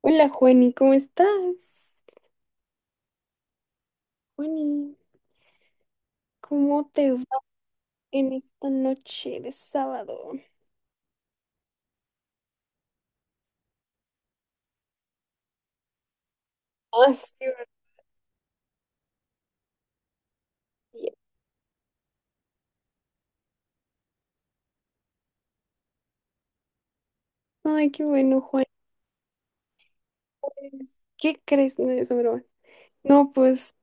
Hola Juani, ¿cómo estás? Juani, ¿cómo te va en esta noche de sábado? Ah, sí, verdad. Ay, qué bueno, Juan. Pues, ¿qué crees? No es broma. No, pues,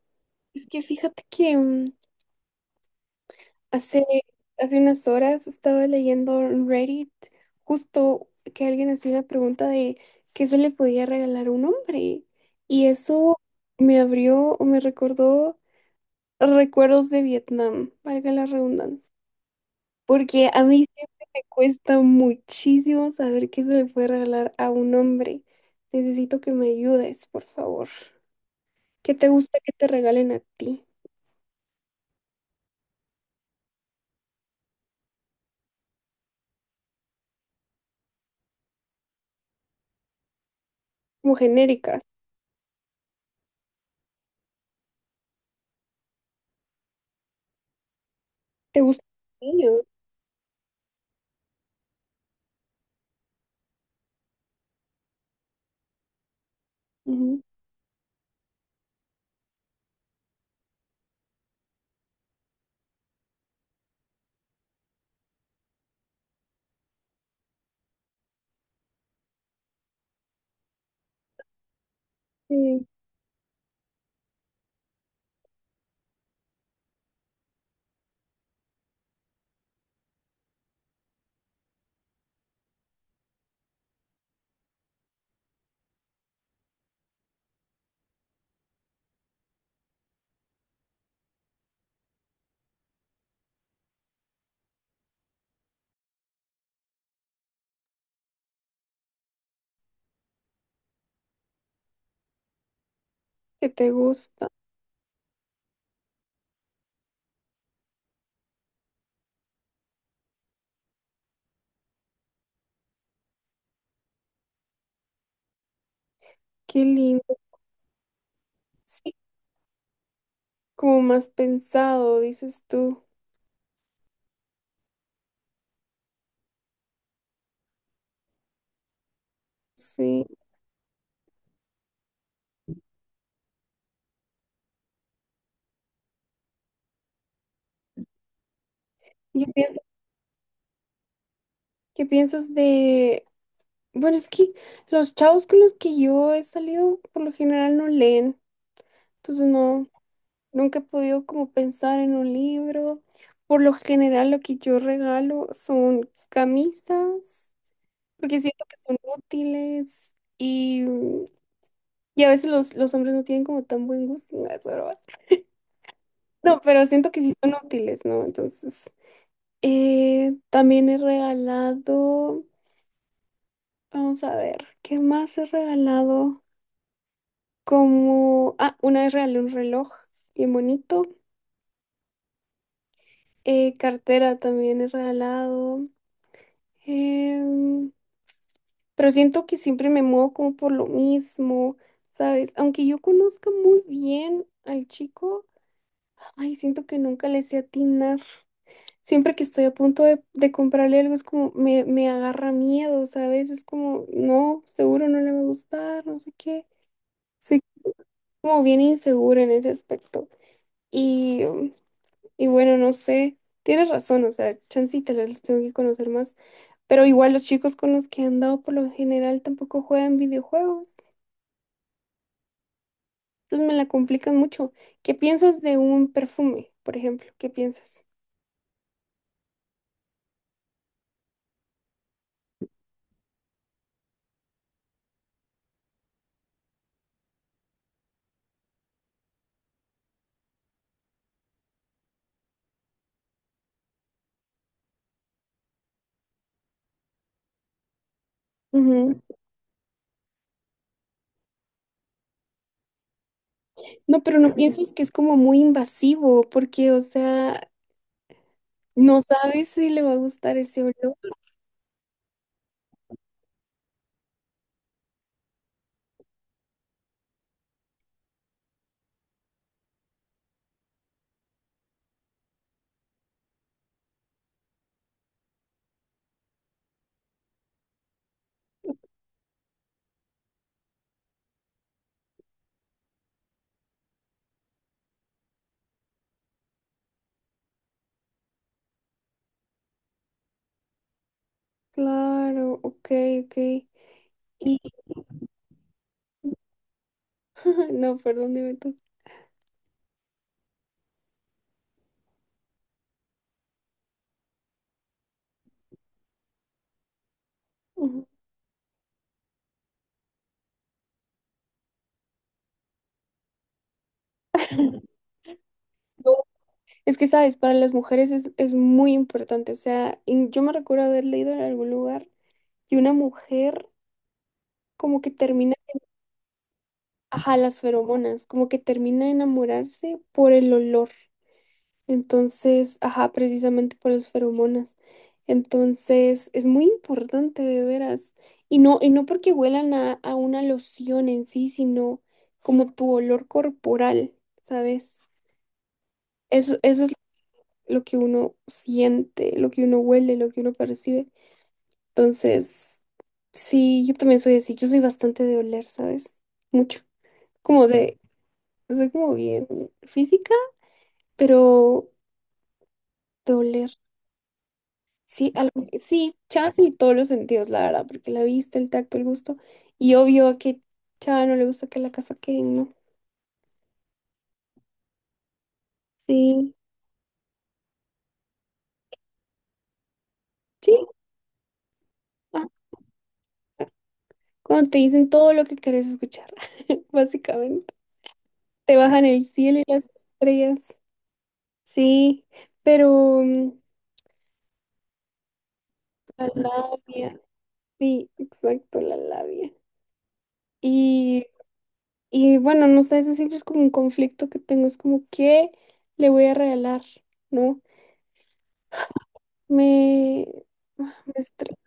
es que fíjate que hace, hace unas horas estaba leyendo en Reddit justo que alguien hacía una pregunta de qué se le podía regalar a un hombre. Y eso me abrió o me recordó recuerdos de Vietnam, valga la redundancia. Porque a mí siempre me cuesta muchísimo saber qué se le puede regalar a un hombre. Necesito que me ayudes, por favor. ¿Qué te gusta que te regalen a ti? Como genéricas. ¿Te gusta el niño? Ujú. Sí, ¿qué te gusta? Qué lindo. Sí, como más pensado, dices tú. Sí. ¿Y qué piensas de...? Bueno, es que los chavos con los que yo he salido por lo general no leen. Entonces no. Nunca he podido como pensar en un libro. Por lo general, lo que yo regalo son camisas, porque siento que son útiles y a veces los hombres no tienen como tan buen gusto. No, es broma. No, pero siento que sí son útiles, ¿no? Entonces, también he regalado, vamos a ver, ¿qué más he regalado? Como, ah, una vez regalé un reloj bien bonito. Cartera también he regalado. Em, pero siento que siempre me muevo como por lo mismo, ¿sabes? Aunque yo conozca muy bien al chico, ay, siento que nunca le sé atinar. Siempre que estoy a punto de comprarle algo, es como me agarra miedo, ¿sabes? Es como, no, seguro no le va a gustar, no sé qué. Soy como bien insegura en ese aspecto. Y, um, y bueno, no sé, tienes razón, o sea, chance y tal vez los tengo que conocer más. Pero igual los chicos con los que he andado por lo general tampoco juegan videojuegos. Entonces me la complican mucho. ¿Qué piensas de un perfume, por ejemplo? ¿Qué piensas? Ujú. No, pero no piensas que es como muy invasivo, porque, o sea, no sabes si le va a gustar ese olor. Claro, ok, ok. Y no, perdón, dime tú. Ujú. yo, Es que, sabes, para las mujeres es muy importante. O sea, yo me recuerdo haber leído en algún lugar y una mujer como que termina. Ajá, las feromonas, como que termina de enamorarse por el olor. Entonces, ajá, precisamente por las feromonas. Entonces, es muy importante de veras. Y no porque huelan a una loción en sí, sino como tu olor corporal, ¿sabes? Eso es lo que uno siente, lo que uno huele, lo que uno percibe. Entonces, sí, yo también soy así. Yo soy bastante de oler, ¿sabes? Mucho. Como de, soy como bien física. Pero doler, sí, algo, sí, chance y todos los sentidos, la verdad, porque la vista, el tacto, el gusto. Y obvio a que Chava no le gusta que la casa queden, ¿no? Sí. Sí, ah, cuando te dicen todo lo que querés escuchar, básicamente. Te bajan el cielo y las estrellas. Sí, pero la labia, sí, exacto, la labia. Y, y bueno, no sé, ese siempre es como un conflicto que tengo, es como, ¿qué le voy a regalar? ¿No? Me, me estre-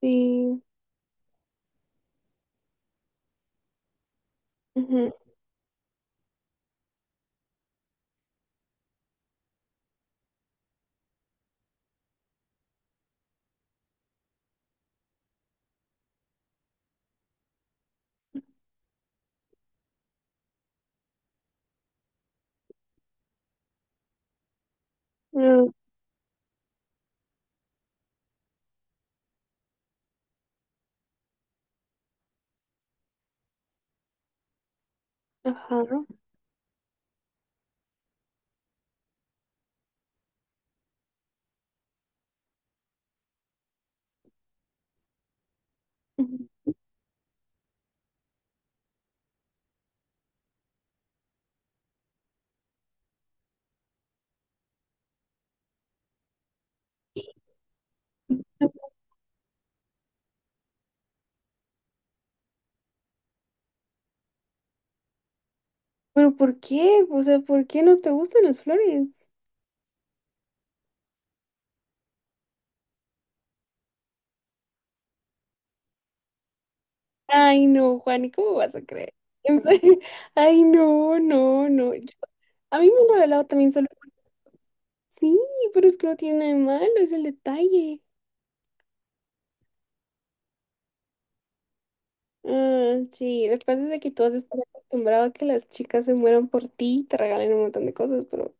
sí, ujú, no, ajá, ujú. Pero ¿por qué? O sea, ¿por qué no te gustan las flores? Ay, no, Juan, ¿y cómo vas a creer? En serio, ay, no, no, no. A mí me han regalado también solo. Sí, pero es que no tiene nada de malo, es el detalle. Ah, sí, lo que pasa es de que todos están acostumbrados a que las chicas se mueran por ti y te regalen un montón de cosas,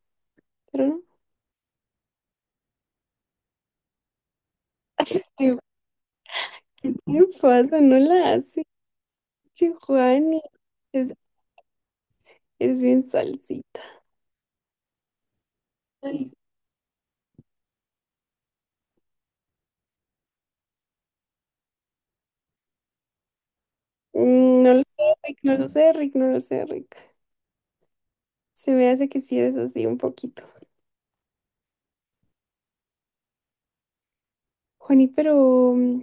pero no. ¿Qué te pasa? No la haces. Giovanni, es, eres bien salsita. Ay. Mm, no lo sé, Rick, no lo sé, Rick, no lo sé, Rick. Se me hace que sí eres así un poquito. Juani, pero,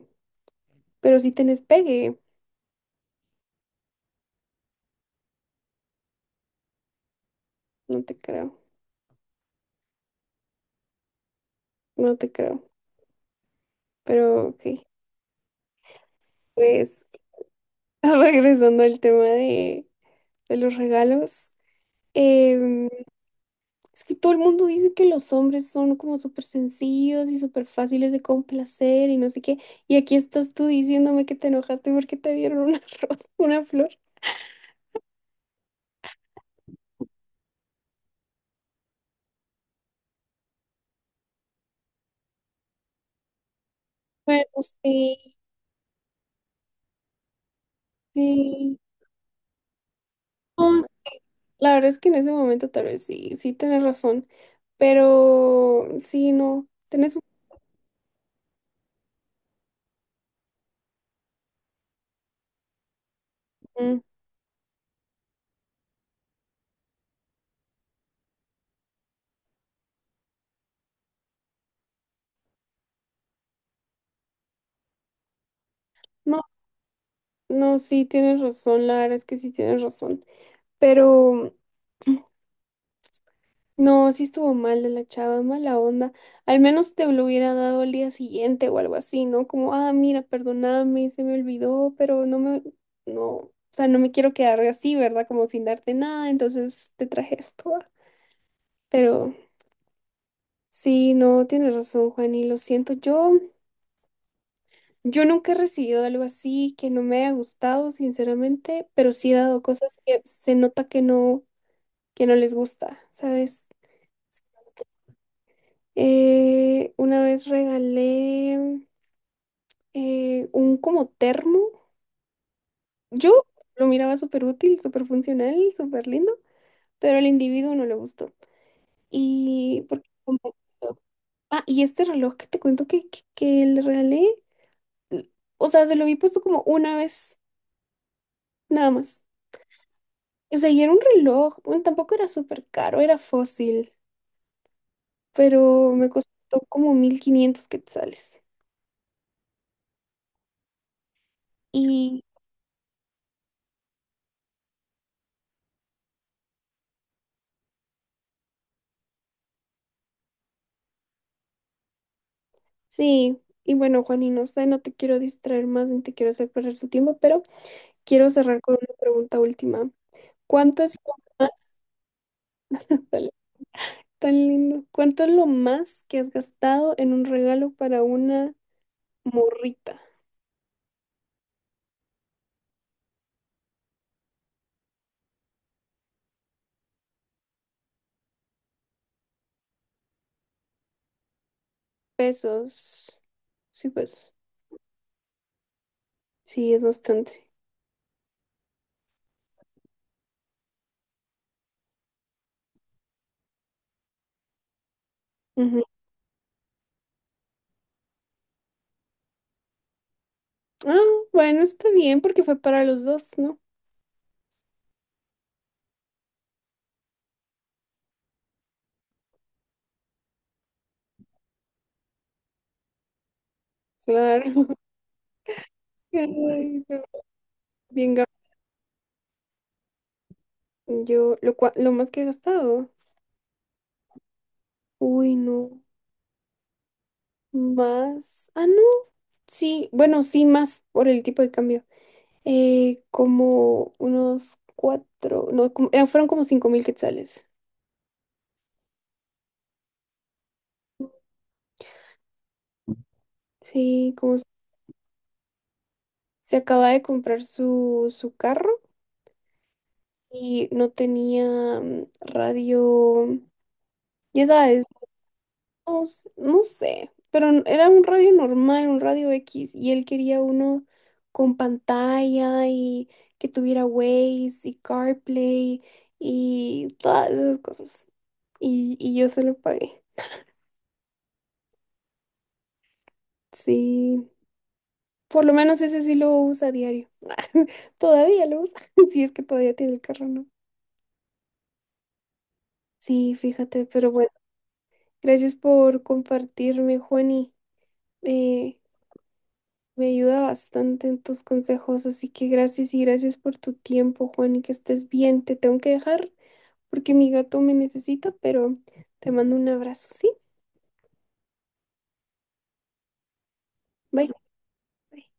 pero si tenés pegue, no te creo, no te creo. Pero ok, pues regresando al tema de los regalos. em, Es que todo el mundo dice que los hombres son como súper sencillos y súper fáciles de complacer y no sé qué. Y aquí estás tú diciéndome que te enojaste porque te dieron una rosa, una flor. Bueno, sí, sí. No, la verdad es que en ese momento tal vez sí, sí tienes razón. Pero sí, no, tienes un... mm, no, no, sí tienes razón, la verdad es que sí tienes razón. Pero no, sí estuvo mal de la chava, mala onda. Al menos te lo hubiera dado al día siguiente o algo así, ¿no? Como, ah, mira, perdóname, se me olvidó, pero no, o sea, no me quiero quedar así, ¿verdad? Como sin darte nada, entonces te traje esto. ¿Va? Pero sí, no, tienes razón, Juan, y lo siento. Yo nunca he recibido algo así que no me haya gustado, sinceramente, pero sí he dado cosas que se nota que no les gusta, ¿sabes? Una vez regalé. Un como termo. Yo lo miraba súper útil, súper funcional, súper lindo, pero al individuo no le gustó. Y porque como- Ah, y este reloj que te cuento que le regalé, l- o sea, se lo vi puesto como una vez, nada más. O sea, y era un reloj, bueno, tampoco era súper caro, era fósil, pero me costó como 1500 quetzales. Y sí, y bueno, Juani, no sé, no te quiero distraer más ni te quiero hacer perder tu tiempo, pero quiero cerrar con una pregunta última. ¿Cuánto es lo más, dale, tan lindo? ¿Cuánto es lo más que has gastado en un regalo para una morrita? Pesos. Sí, pues. Sí, es bastante. Ujú. Ah, bueno, está bien porque fue para los dos, ¿no? Claro. Ay, no. Bien, ga- yo lo, lo más que he gastado. Uy, no. Más. Ah, no. Sí, bueno, sí, más por el tipo de cambio. Como unos cuatro, no, fueron como 5000 quetzales. Sí, se acaba de comprar su carro y no tenía radio, ya sabes, no, no sé, pero era un radio normal, un radio X, y él quería uno con pantalla y que tuviera Waze y CarPlay y todas esas cosas. Y yo se lo pagué. Sí. Por lo menos ese sí lo usa a diario. Todavía lo usa. Si es que todavía tiene el carro, ¿no? Sí, fíjate, pero bueno, gracias por compartirme, Juani. Eh, me ayuda bastante en tus consejos, así que gracias y gracias por tu tiempo, Juani, que estés bien. Te tengo que dejar porque mi gato me necesita, pero te mando un abrazo, ¿sí? Bye. Bye.